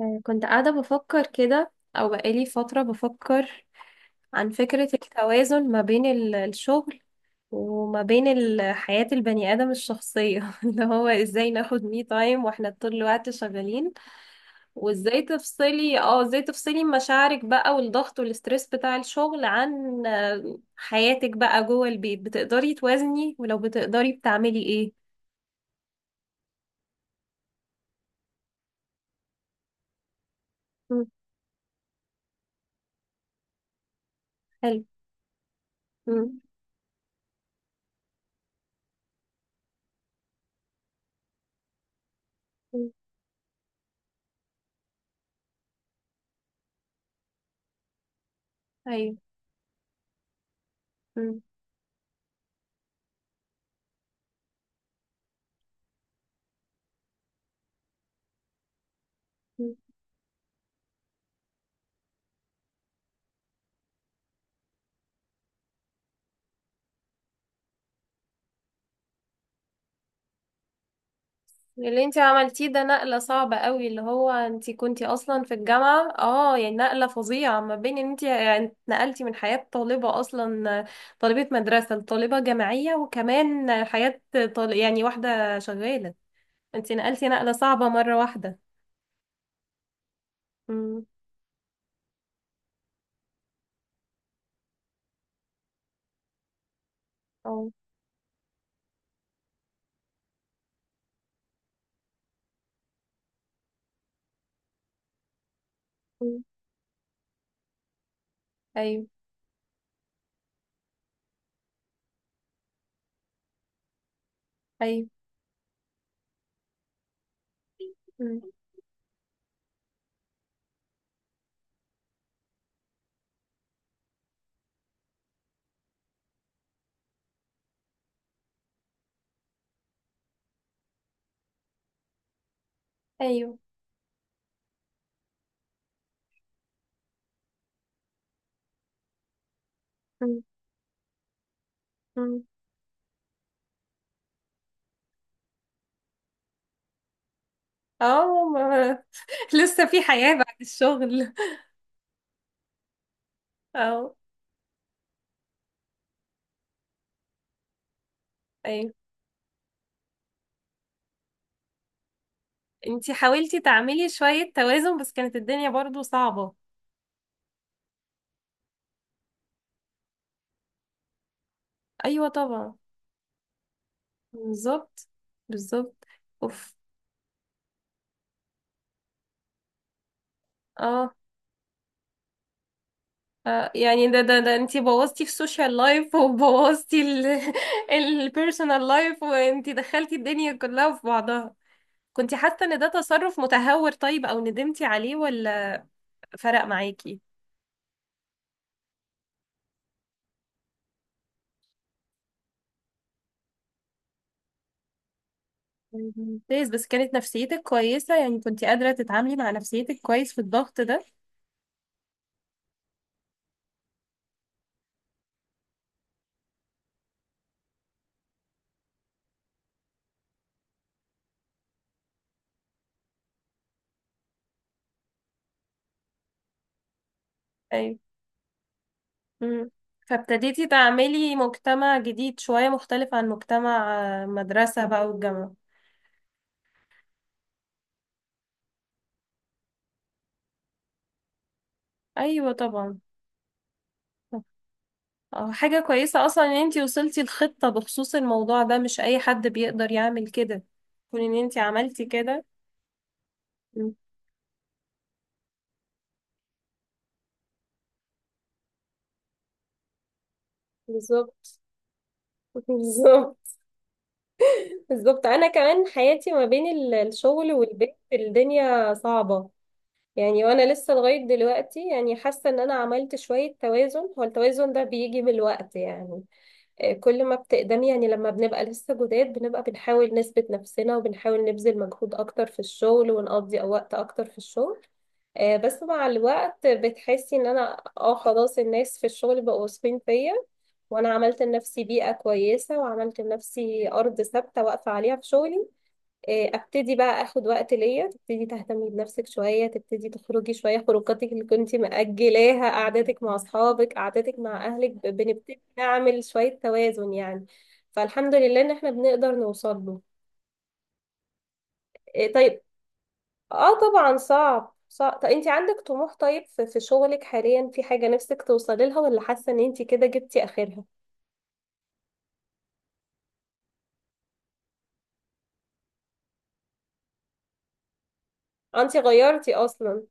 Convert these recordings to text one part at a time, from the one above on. كنت قاعدة بفكر كده، أو بقالي فترة بفكر عن فكرة التوازن ما بين الشغل، وما بين حياة البني آدم الشخصية اللي هو ازاي ناخد مي تايم واحنا طول الوقت شغالين، وازاي تفصلي اه ازاي تفصلي مشاعرك بقى، والضغط والستريس بتاع الشغل، عن حياتك بقى جوه البيت. بتقدري توازني؟ ولو بتقدري بتعملي ايه؟ مم. حلو. مم. مم. ايوه. مم. مم. اللي انت عملتيه ده نقلة صعبة قوي، اللي هو انت كنتي اصلا في الجامعة، اه يعني نقلة فظيعة ما بين ان انت يعني نقلتي من حياة طالبة اصلا، طالبة مدرسة لطالبة جامعية، وكمان حياة يعني واحدة شغالة. انت نقلتي نقلة صعبة مرة واحدة. امم. اه. أمم. ايوه. ايوه. أمم. ايوه. أمم. أمم. اه ما- لسه في حياة بعد الشغل؟ اه. ايوه. انتي حاولتي تعملي شوية توازن، بس كانت الدنيا برضو صعبة. ايوه طبعا. بالظبط. بالظبط. اوف. اه. يعني ده انتي بوظتي في السوشيال لايف، وبوظتي ال البيرسونال لايف وانتي دخلتي الدنيا كلها في بعضها. كنتي حاسة ان ده تصرف متهور طيب؟ او ندمتي عليه، ولا فرق معاكي؟ طيب، ممتاز. بس كانت نفسيتك كويسة؟ يعني كنتي قادرة تتعاملي مع نفسيتك كويس في الضغط ده؟ ايوه. مم. فابتديتي تعملي مجتمع جديد شوية مختلف عن مجتمع مدرسة بقى والجامعة. ايوه طبعا. اه، حاجة كويسة اصلا ان انتي وصلتي لخطة بخصوص الموضوع ده، مش اي حد بيقدر يعمل كده، كون ان انتي عملتي كده. مم. بالظبط. بالظبط. بالظبط. انا كمان حياتي ما بين الشغل والبيت، الدنيا صعبة. يعني وانا لسه لغاية دلوقتي يعني حاسة ان انا عملت شوية توازن. هو التوازن ده بيجي بالوقت يعني. كل ما بتقدمي، يعني لما بنبقى لسه جداد بنبقى بنحاول نثبت نفسنا، وبنحاول نبذل مجهود أكتر في الشغل، ونقضي وقت أكتر في الشغل. بس مع الوقت بتحسي ان انا خلاص الناس في الشغل بقوا واثقين فيا، وانا عملت لنفسي بيئة كويسة، وعملت لنفسي ارض ثابتة واقفة عليها في شغلي. ابتدي بقى اخد وقت ليا، تبتدي تهتمي بنفسك شويه، تبتدي تخرجي شويه خروجاتك اللي كنتي مأجلاها، قعداتك مع اصحابك، قعداتك مع اهلك. بنبتدي نعمل شويه توازن يعني. فالحمد لله ان احنا بنقدر نوصل له. طيب. اه طبعا، صعب صعب. طب انت عندك طموح طيب في في شغلك حاليا؟ في حاجه نفسك توصلي لها، ولا حاسه ان انت كده جبتي اخرها؟ انت غيرتي اصلا.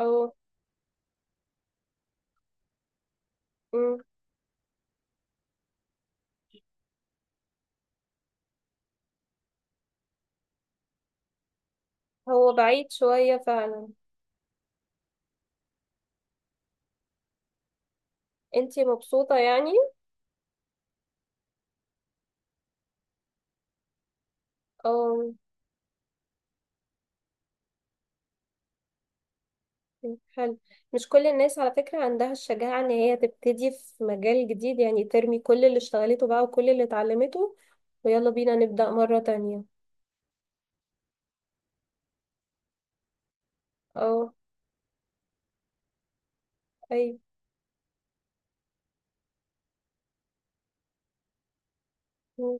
او. مم. هو بعيد شويه فعلا. انت مبسوطه يعني؟ اه. حلو. مش كل الناس على فكرة عندها الشجاعة ان هي تبتدي في مجال جديد، يعني ترمي كل اللي اشتغلته بقى وكل اللي اتعلمته، ويلا بينا نبدأ مرة تانية. اه. ايوه. مم.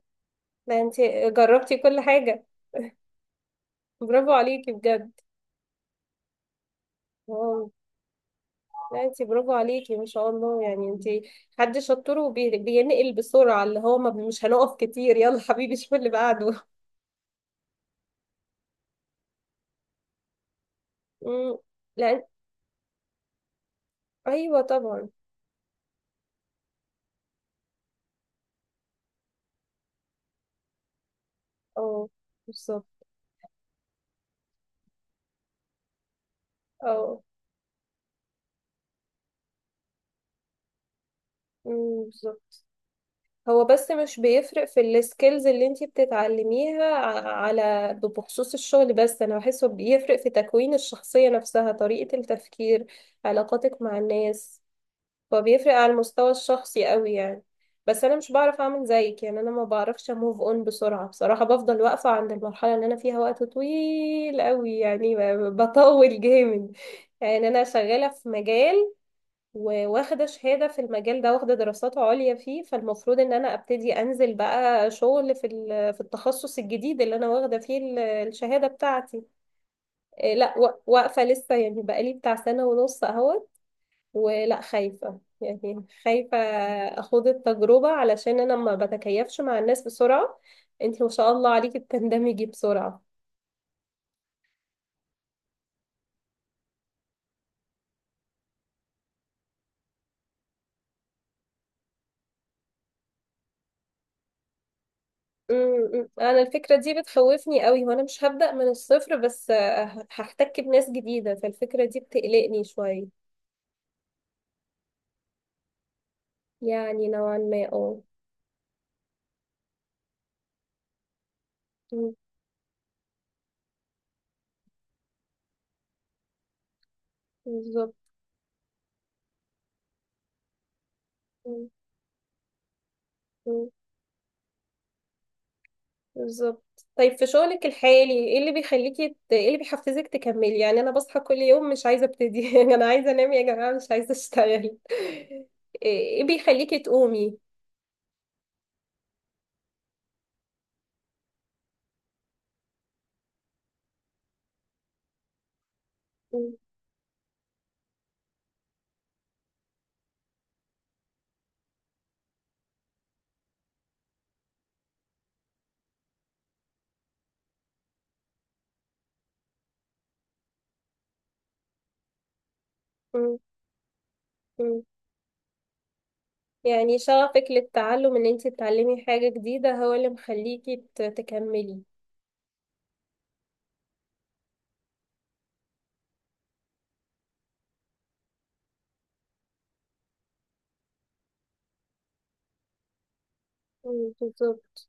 ده انت جربتي كل حاجة، برافو عليكي بجد. واو. لا انت برافو عليكي ما شاء الله، يعني انت حد شطور وبينقل بسرعة، اللي هو ما مش هنقف كتير، يلا حبيبي شوف اللي بعده. مم. لا. ايوه طبعا. اه. بالظبط. اه. مم. بالظبط. هو بس مش بيفرق في السكيلز اللي انتي بتتعلميها على، بخصوص الشغل، بس انا بحسه بيفرق في تكوين الشخصية نفسها، طريقة التفكير، علاقاتك مع الناس. فبيفرق على المستوى الشخصي قوي يعني. بس انا مش بعرف اعمل زيك، يعني انا ما بعرفش اموف اون بسرعة بصراحة، بفضل واقفة عند المرحلة اللي انا فيها وقت طويل قوي يعني، بطول جامد. يعني انا شغالة في مجال، وواخدة شهادة في المجال ده، واخدة دراسات عليا فيه، فالمفروض ان انا ابتدي انزل بقى شغل في في التخصص الجديد اللي انا واخدة فيه الشهادة بتاعتي. إيه، لا واقفة لسه، يعني بقالي بتاع سنة ونص اهوت. ولا خايفة يعني، خايفة اخوض التجربة، علشان انا ما بتكيفش مع الناس بسرعة. انتي ما شاء الله عليكي بتندمجي بسرعة. امم. انا الفكره دي بتخوفني قوي، وانا مش هبدا من الصفر، بس هحتك بناس جديده، فالفكره دي بتقلقني شويه. يعني نوعا ما اه مم. بالظبط. مم. مم. بالظبط. طيب في شغلك الحالي ايه اللي بيخليكي ايه اللي بيحفزك تكملي؟ يعني انا بصحى كل يوم مش عايزه ابتدي، انا عايزه انام يا جماعه، مش عايزه اشتغل. ايه بيخليكي تقومي؟ مم. مم. مم. يعني شغفك للتعلم ان انت تتعلمي حاجة جديدة هو اللي مخليكي تكملي. مم. بالظبط.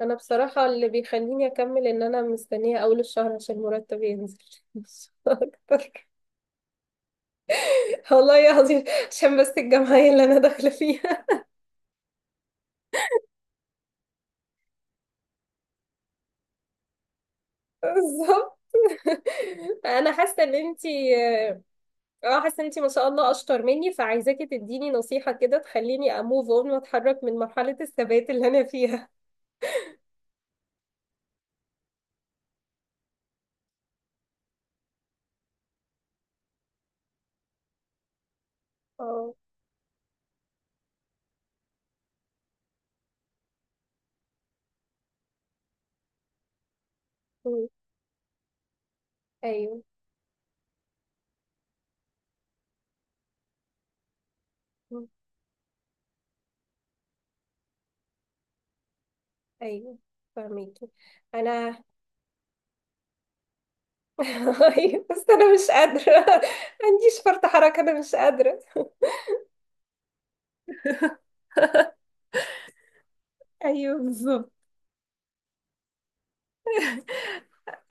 انا بصراحة اللي بيخليني اكمل ان انا مستنية اول الشهر عشان مرتب ينزل. مش اكتر. والله العظيم. عشان بس الجمعية اللي انا داخلة فيها. بالظبط. انا حاسة ان انتي ما شاء الله اشطر مني، فعايزاكي تديني نصيحة كده تخليني اموف اون واتحرك من مرحلة الثبات اللي انا فيها. اه. مم. ايوه. مم. ايوه. فاهميكي. انا أيوة، بس انا مش قادرة، عنديش فرط حركة، انا مش قادرة. ايوه بالظبط.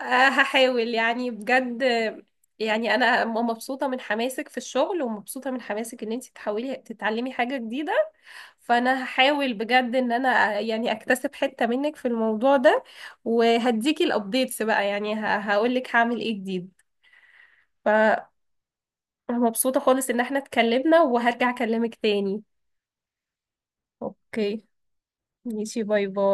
هحاول يعني بجد. يعني انا مبسوطه من حماسك في الشغل، ومبسوطه من حماسك ان انت تحاولي تتعلمي حاجه جديده، فانا هحاول بجد ان انا يعني اكتسب حته منك في الموضوع ده، وهديكي الابديتس بقى، يعني هقول لك هعمل ايه جديد. فمبسوطه خالص ان احنا اتكلمنا، وهرجع اكلمك تاني. اوكي. ماشي. باي باي.